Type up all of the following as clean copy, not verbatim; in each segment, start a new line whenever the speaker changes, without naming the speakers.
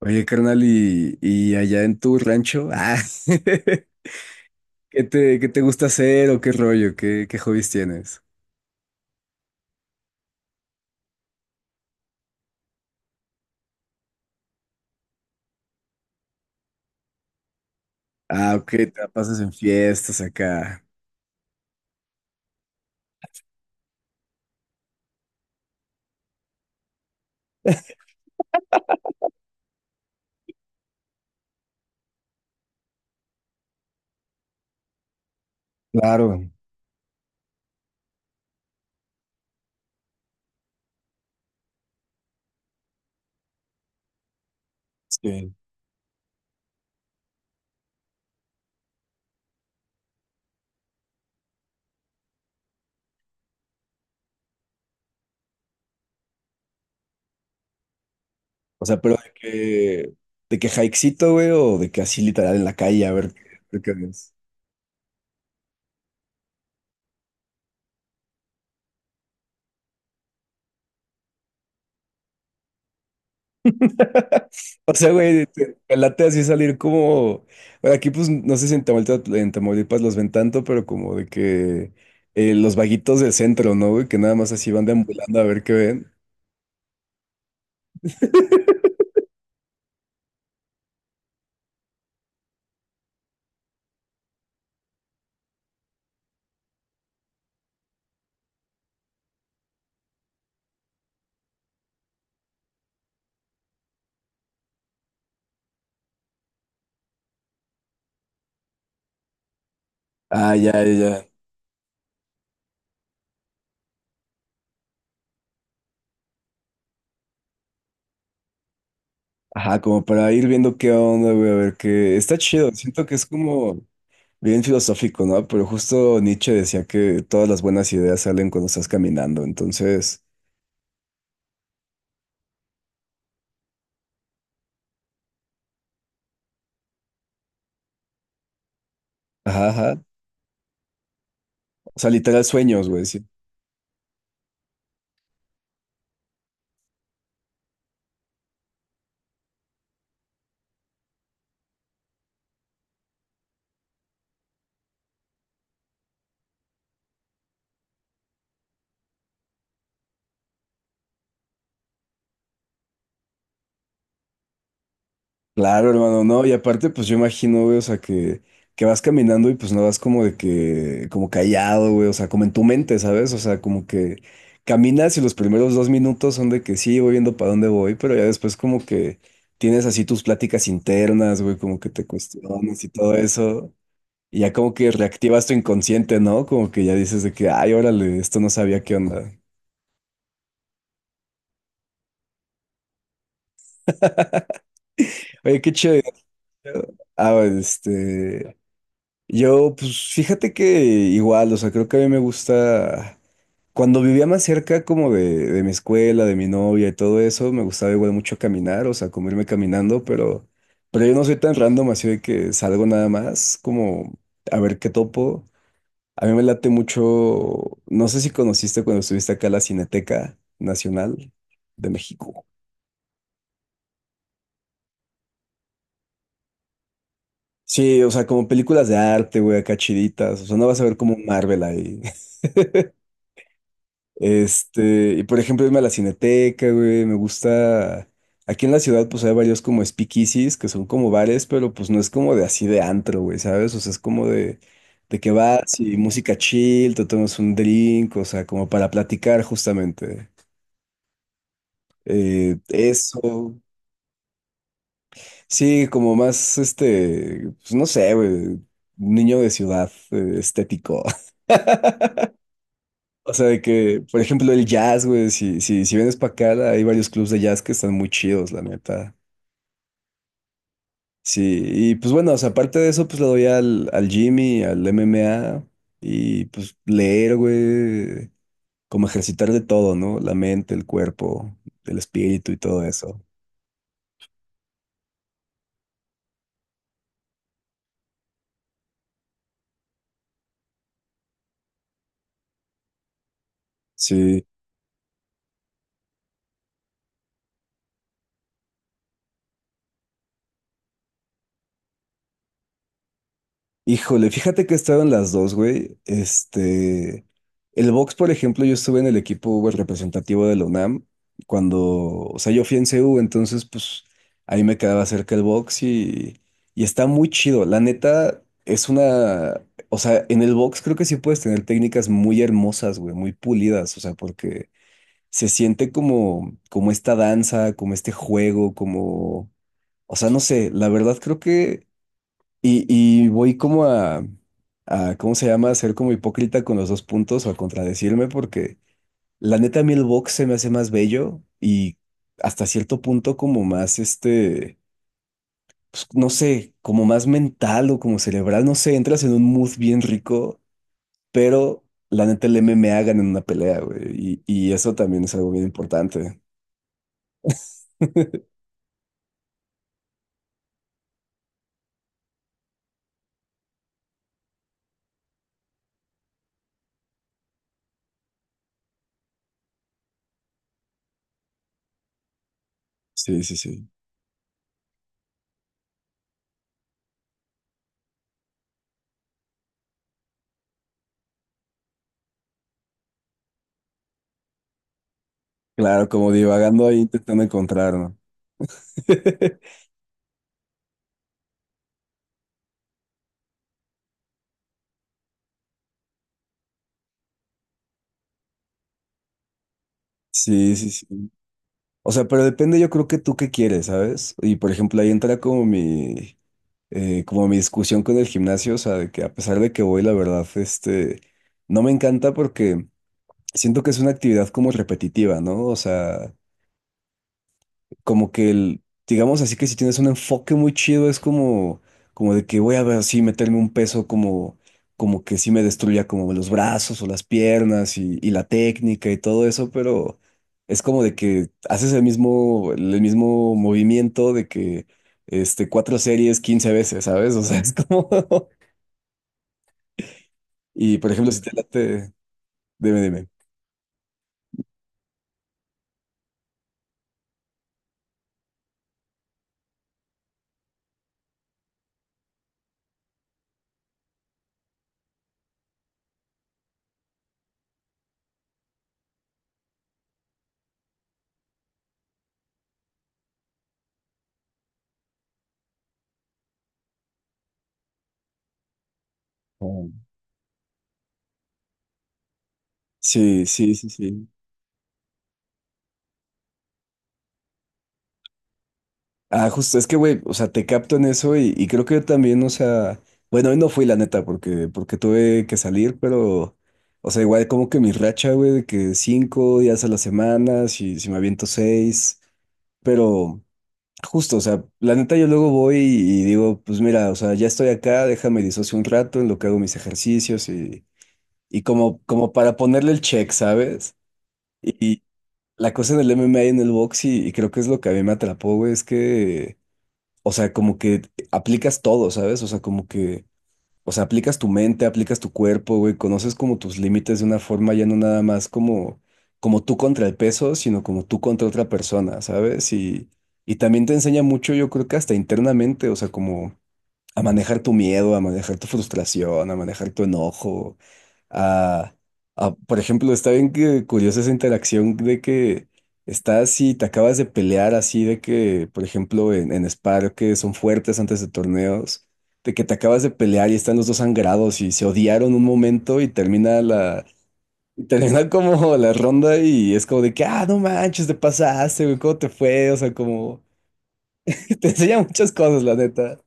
Oye, carnal, y allá en tu rancho, qué te gusta hacer o qué rollo? Qué hobbies tienes? Ah, ok, te la pasas en fiestas acá. Claro, sí. O sea, pero de que hikecito, güey, o de que así literal en la calle, a ver, qué ves. O sea, güey, te late así salir como. Bueno, aquí, pues, no sé si en Tamaulipas, en Tamaulipas los ven tanto, pero como de que los vaguitos del centro, ¿no, güey? Que nada más así van deambulando a ver qué ven. Ah, ya, ya, ya. Ajá, como para ir viendo qué onda, güey, a ver qué. Está chido, siento que es como bien filosófico, ¿no? Pero justo Nietzsche decía que todas las buenas ideas salen cuando estás caminando, entonces, ajá, ajá. O sea, literal sueños, güey. Sí. Claro, hermano, no, y aparte, pues yo imagino, güey, que vas caminando y pues no vas como de que, como callado, güey, o sea, como en tu mente, ¿sabes? O sea, como que caminas y los primeros dos minutos son de que sí, voy viendo para dónde voy, pero ya después como que tienes así tus pláticas internas, güey, como que te cuestionas y todo eso, y ya como que reactivas tu inconsciente, ¿no? Como que ya dices de que, ay, órale, esto no sabía qué onda. Oye, qué chido. Ah, este. Yo, pues fíjate que igual, o sea, creo que a mí me gusta, cuando vivía más cerca como de mi escuela, de mi novia y todo eso, me gustaba igual mucho caminar, o sea, como irme caminando, pero yo no soy tan random así de que salgo nada más, como a ver qué topo. A mí me late mucho, no sé si conociste cuando estuviste acá la Cineteca Nacional de México. Sí, o sea, como películas de arte, güey, acá chiditas, o sea, no vas a ver como un Marvel ahí. Y por ejemplo, irme a la Cineteca, güey, me gusta. Aquí en la ciudad, pues hay varios como speakeasies, que son como bares, pero pues no es como de así de antro, güey, ¿sabes? O sea, es como de que vas y música chill, te tomas un drink, o sea, como para platicar justamente. Eso. Sí, como más, pues no sé, güey, niño de ciudad, estético. O sea, de que, por ejemplo, el jazz, güey, si vienes para acá, hay varios clubs de jazz que están muy chidos, la neta. Sí, y pues bueno, o sea, aparte de eso, pues le doy al Jimmy, al MMA, y pues leer, güey, como ejercitar de todo, ¿no? La mente, el cuerpo, el espíritu y todo eso. Sí. Híjole, fíjate que he estado en las dos, güey. El box, por ejemplo, yo estuve en el equipo güey, representativo de la UNAM cuando, o sea, yo fui en CU, entonces, pues, ahí me quedaba cerca el box y está muy chido. La neta, es una, o sea, en el box creo que sí puedes tener técnicas muy hermosas, güey, muy pulidas, o sea, porque se siente como, como esta danza, como este juego, como, o sea, no sé, la verdad creo que... Y voy como a ¿cómo se llama? A ser como hipócrita con los dos puntos o a contradecirme porque la neta a mí el box se me hace más bello y hasta cierto punto como más pues, no sé, como más mental o como cerebral, no sé, entras en un mood bien rico, pero la neta el MMA gana en una pelea, güey, y eso también es algo bien importante. Sí, sí, sí. Claro, como divagando ahí intentando encontrar, ¿no? Sí, sí, sí. O sea, pero depende, yo creo que tú qué quieres, ¿sabes? Y por ejemplo, ahí entra como como mi discusión con el gimnasio, o sea, de que a pesar de que voy, la verdad, no me encanta porque siento que es una actividad como repetitiva, ¿no? O sea, como que el, digamos así que si tienes un enfoque muy chido, es como, como de que voy a ver así, meterme un peso como, como que sí me destruya como los brazos o las piernas y la técnica y todo eso, pero es como de que haces el mismo movimiento de que cuatro series 15 veces, ¿sabes? O sea, es como, y por ejemplo, si te late, dime. Mm. Sí, sí, sí, sí. Ah, justo, es que, güey, o sea, te capto en eso y creo que yo también, o sea, bueno, hoy no fui la neta porque, porque tuve que salir, pero, o sea, igual como que mi racha, güey, de que cinco días a la semana, si me aviento seis, pero justo, o sea, la neta yo luego voy y digo, pues mira, o sea, ya estoy acá, déjame disocio un rato en lo que hago mis ejercicios y como, como para ponerle el check, ¿sabes? Y la cosa del MMA en el box y creo que es lo que a mí me atrapó, güey, es que o sea, como que aplicas todo, ¿sabes? O sea, como que, o sea, aplicas tu mente, aplicas tu cuerpo, güey, conoces como tus límites de una forma ya no nada más como, como tú contra el peso, sino como tú contra otra persona, ¿sabes? Y también te enseña mucho, yo creo que hasta internamente, o sea, como a manejar tu miedo, a manejar tu frustración, a manejar tu enojo, a, por ejemplo, está bien que curiosa esa interacción de que estás y te acabas de pelear así de que, por ejemplo, en Spar, que son fuertes antes de torneos, de que te acabas de pelear y están los dos sangrados y se odiaron un momento y termina la... Y termina como la ronda y es como de que, ah, no manches, te pasaste, güey, ¿cómo te fue? O sea, como te enseña muchas cosas, la neta.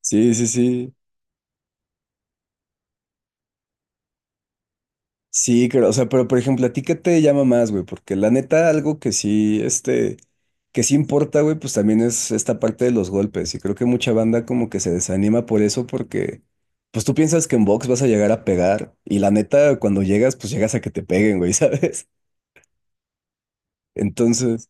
Sí, sí, sí. Sí, pero, o sea, pero por ejemplo, ¿a ti qué te llama más, güey? Porque la neta, algo que sí, que sí importa, güey, pues también es esta parte de los golpes. Y creo que mucha banda como que se desanima por eso, porque pues tú piensas que en box vas a llegar a pegar. Y la neta, cuando llegas, pues llegas a que te peguen, güey, ¿sabes? Entonces,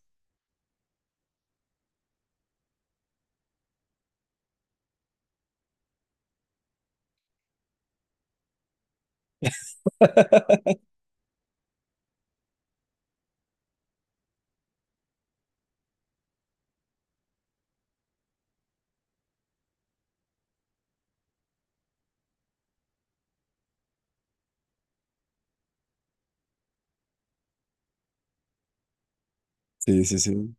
sí, sí, sí.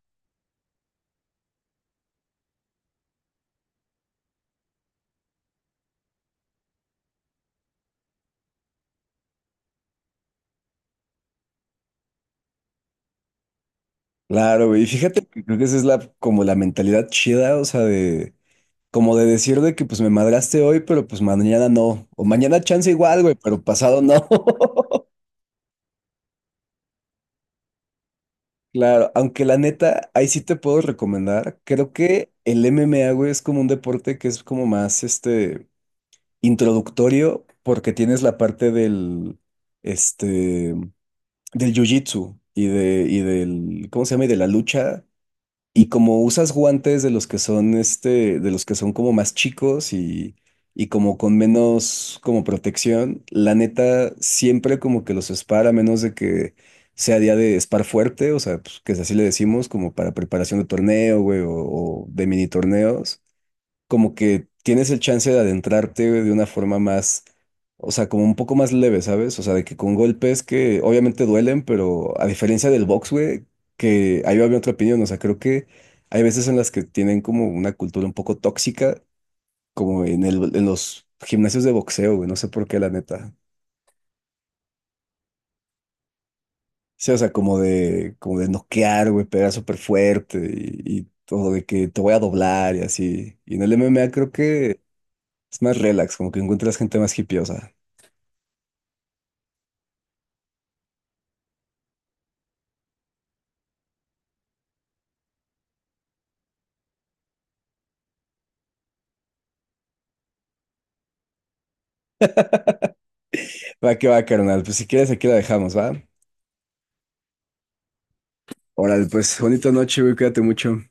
Claro, güey. Y fíjate que creo que esa es la, como la mentalidad chida, o sea, de, como de decir de que pues me madraste hoy, pero pues mañana no. O mañana chance igual, güey, pero pasado no. Claro, aunque la neta, ahí sí te puedo recomendar. Creo que el MMA, güey, es como un deporte que es como más, introductorio, porque tienes la parte del, este, del jiu-jitsu y y del, ¿cómo se llama? Y de la lucha. Y como usas guantes de los que son este, de los que son como más chicos y como con menos como protección, la neta siempre como que los spar, a menos de que sea día de spar fuerte, o sea, pues, que así le decimos, como para preparación de torneo, güey, o de mini torneos como que tienes el chance de adentrarte de una forma más, o sea, como un poco más leve, ¿sabes? O sea, de que con golpes que obviamente duelen, pero a diferencia del box, güey, que ahí va mi otra opinión, o sea, creo que hay veces en las que tienen como una cultura un poco tóxica, como en el, en los gimnasios de boxeo, güey, no sé por qué, la neta. Sí, o sea, como de noquear, güey, pegar súper fuerte y todo de que te voy a doblar y así. Y en el MMA creo que es más relax, como que encuentras gente más hipiosa. Va que va, carnal. Pues si quieres, aquí la dejamos, ¿va? Órale, pues bonita noche, güey. Cuídate mucho.